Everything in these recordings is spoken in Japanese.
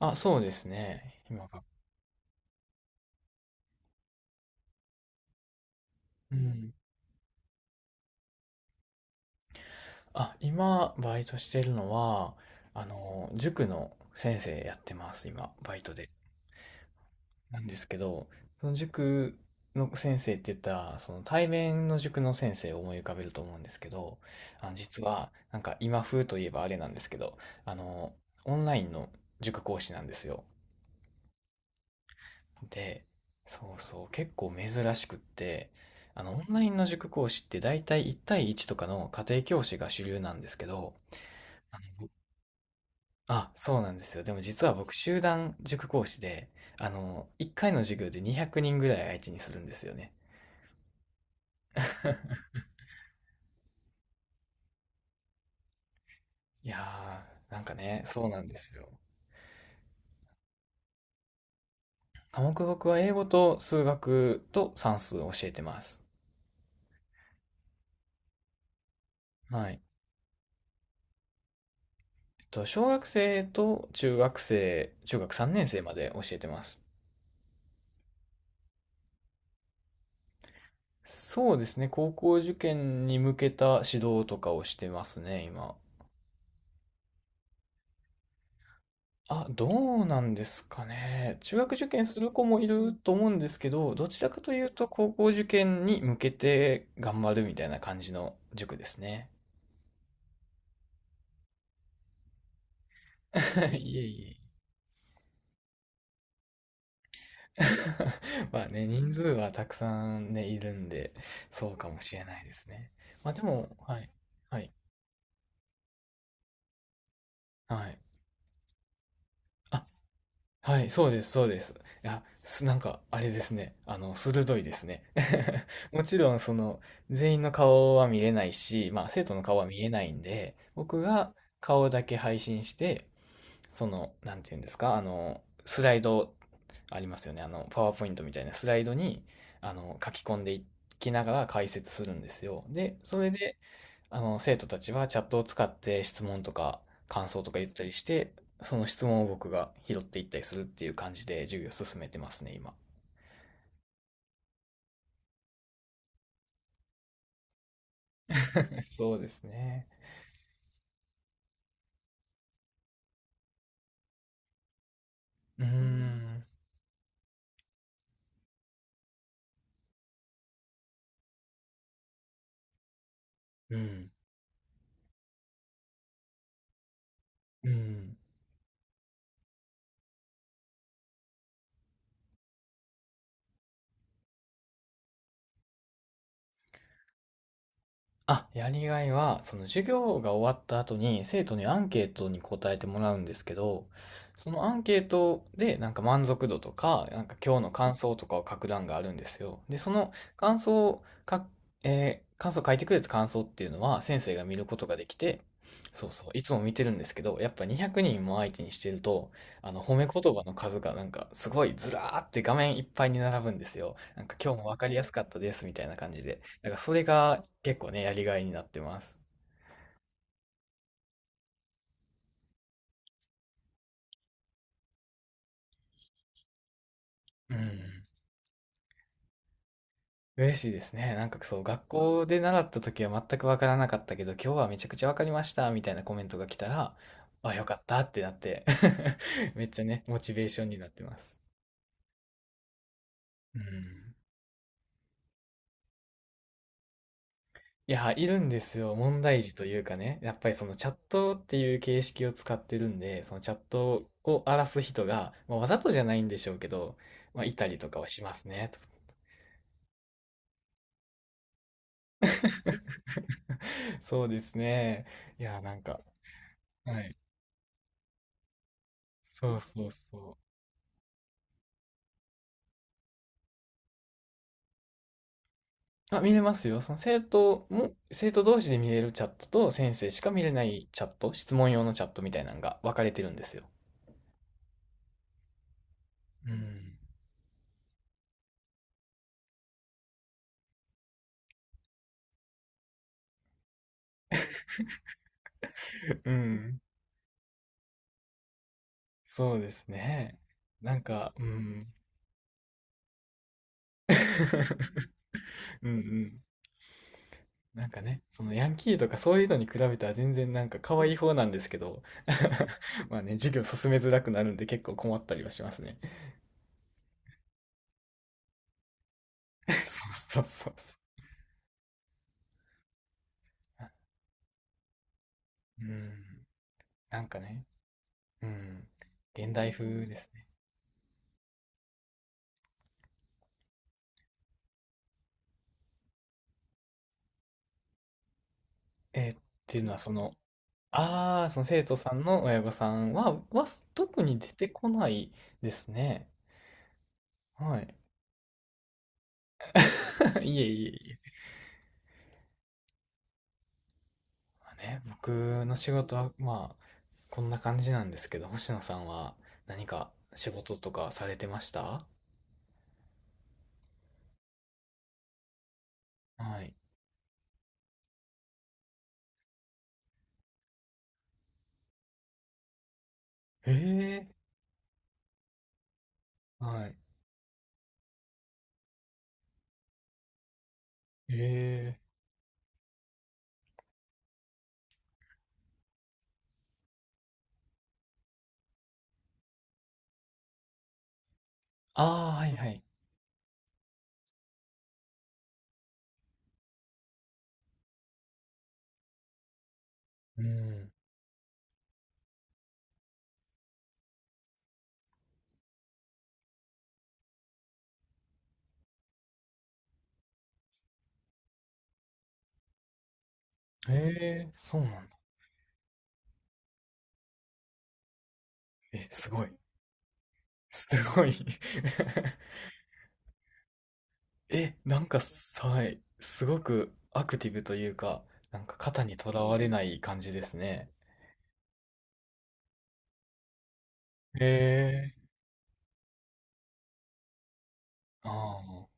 あ、そうですね。今が。うん。あ、今、バイトしてるのは、塾の先生やってます、今、バイトで。なんですけど、その塾の先生って言ったら、その対面の塾の先生を思い浮かべると思うんですけど、実は、なんか今風といえばあれなんですけど、あの、オンラインの塾講師なんですよ。で、そうそう、結構珍しくって、オンラインの塾講師って大体1対1とかの家庭教師が主流なんですけど、あの、あ、そうなんですよ。でも実は僕、集団塾講師で、1回の授業で200人ぐらい相手にするんですよね。いやー、なんかね、そうなんですよ。科目僕は英語と数学と算数を教えてます。はい。小学生と中学生、中学3年生まで教えてます。そうですね。高校受験に向けた指導とかをしてますね、今。あ、どうなんですかね。中学受験する子もいると思うんですけど、どちらかというと高校受験に向けて頑張るみたいな感じの塾ですね。いえいえ。まあね、人数はたくさんね、いるんで、そうかもしれないですね。まあでも、はい。はい。はい。はい、そうです、そうです。いや、なんか、あれですね。鋭いですね。もちろん、その、全員の顔は見れないし、まあ、生徒の顔は見えないんで、僕が顔だけ配信して、その、なんていうんですか、スライドありますよね。パワーポイントみたいなスライドに、書き込んでいきながら解説するんですよ。で、それで、生徒たちはチャットを使って質問とか感想とか言ったりして、その質問を僕が拾っていったりするっていう感じで授業を進めてますね、今。そうですね。うーん。うん。うん。あ、やりがいは、その授業が終わった後に生徒にアンケートに答えてもらうんですけど、そのアンケートでなんか満足度とか、なんか今日の感想とかを書く欄があるんですよ。で、その感想をか、えー感想書いてくれた感想っていうのは先生が見ることができて、そうそう、いつも見てるんですけど、やっぱ200人も相手にしてると、あの褒め言葉の数がなんかすごいずらーって画面いっぱいに並ぶんですよ。なんか今日もわかりやすかったですみたいな感じで。なんかそれが結構ね、やりがいになってます。うん。嬉しいですね。なんかそう、学校で習った時は全くわからなかったけど、今日はめちゃくちゃわかりましたみたいなコメントが来たら、あ、よかったってなって めっちゃね、モチベーションになってます。うん。いや、いるんですよ。問題児というかね、やっぱりそのチャットっていう形式を使ってるんで、そのチャットを荒らす人が、まあ、わざとじゃないんでしょうけど、まあ、いたりとかはしますね。と そうですね。いや、なんか、はい。そうそうそう。あ、見れますよ。その生徒も、生徒同士で見れるチャットと先生しか見れないチャット、質問用のチャットみたいなのが分かれてるんですよ。うん。うん。そうですね。なんか、うん。うんうん。なんかね、そのヤンキーとかそういうのに比べたら全然なんか可愛い方なんですけど、まあね、授業進めづらくなるんで結構困ったりはしますね。そうそうそうそう。うん。なんかね、うん。現代風ですね。えーっていうのは、その、ああ、その生徒さんの親御さんは、特に出てこないですね。はい。いえいえいえ。まあね、僕の仕事は、まあ、こんな感じなんですけど、星野さんは何か仕事とかされてました？はい。ええ。はい。ええ。ああ、はいはい。うん。ええ、そうなんだ。え、すごい。すごい。え、なんかさ、はい、すごくアクティブというか、なんか肩にとらわれない感じですね。へえ、ああ。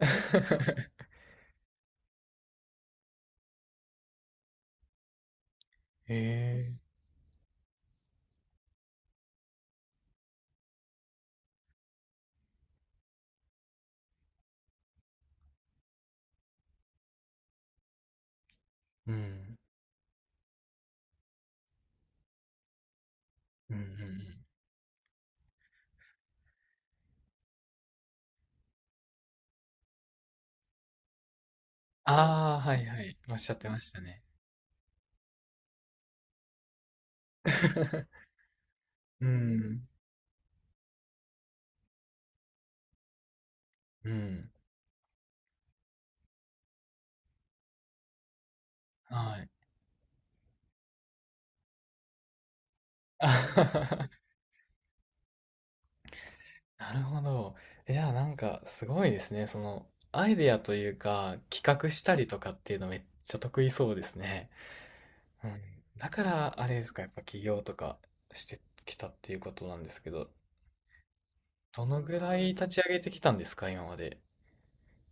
へえ、うん、うん、うん、うん。ああ、はいはい、おっしゃってましたね。うん、うん、はい。あはは。なるほど。えじゃあなんかすごいですね。そのアイデアというか企画したりとかっていうのめっちゃ得意そうですね。うん、だから、あれですか、やっぱ起業とかしてきたっていうことなんですけど、どのぐらい立ち上げてきたんですか、今まで。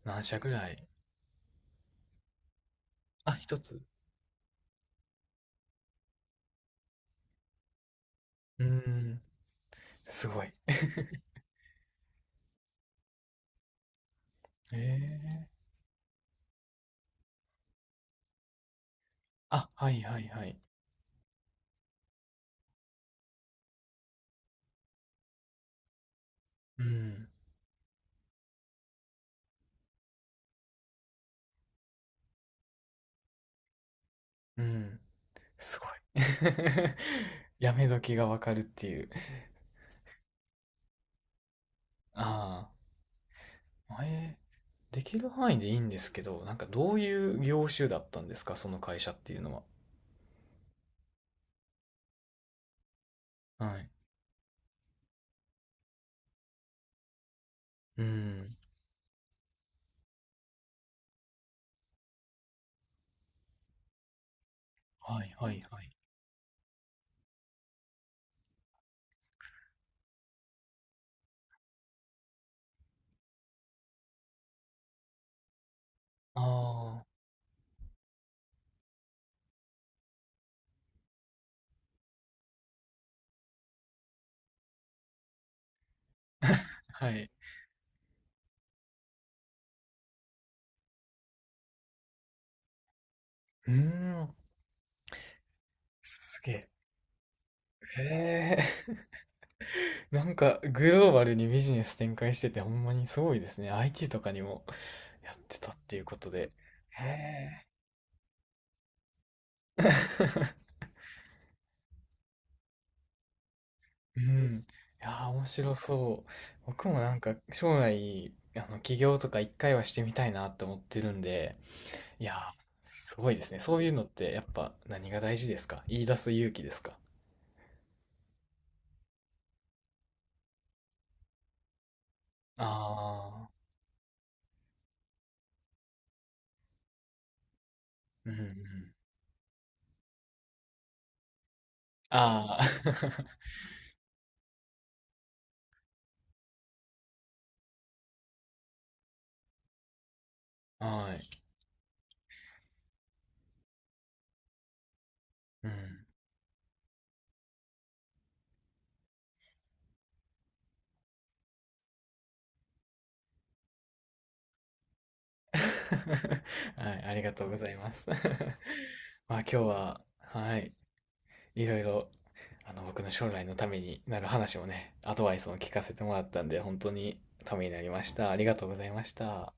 何社ぐらい？あ、一つ。うーん、すごい。ええ。あ、はいはいはい。うん、うん、すごい。やめ時がわかるっていう。ああ、えー、できる範囲でいいんですけど、なんかどういう業種だったんですか、その会社っていうのは。はい。うん、はいはいはい。ああ、はい。うーん、すげえ。へえ。 なんか、グローバルにビジネス展開してて、ほんまにすごいですね。IT とかにもやってたっていうことで。へえ。うん。いやー、面白そう。僕もなんか、将来、起業とか一回はしてみたいなって思ってるんで、いやー、すごいですね。そういうのって、やっぱ、何が大事ですか？言い出す勇気ですか？ああー、うんうん。ああ、はい。うん。はい、ありがとうございます。まあ今日は、はい、いろいろ、僕の将来のためになる話をね、アドバイスも聞かせてもらったんで、本当にためになりました。ありがとうございました。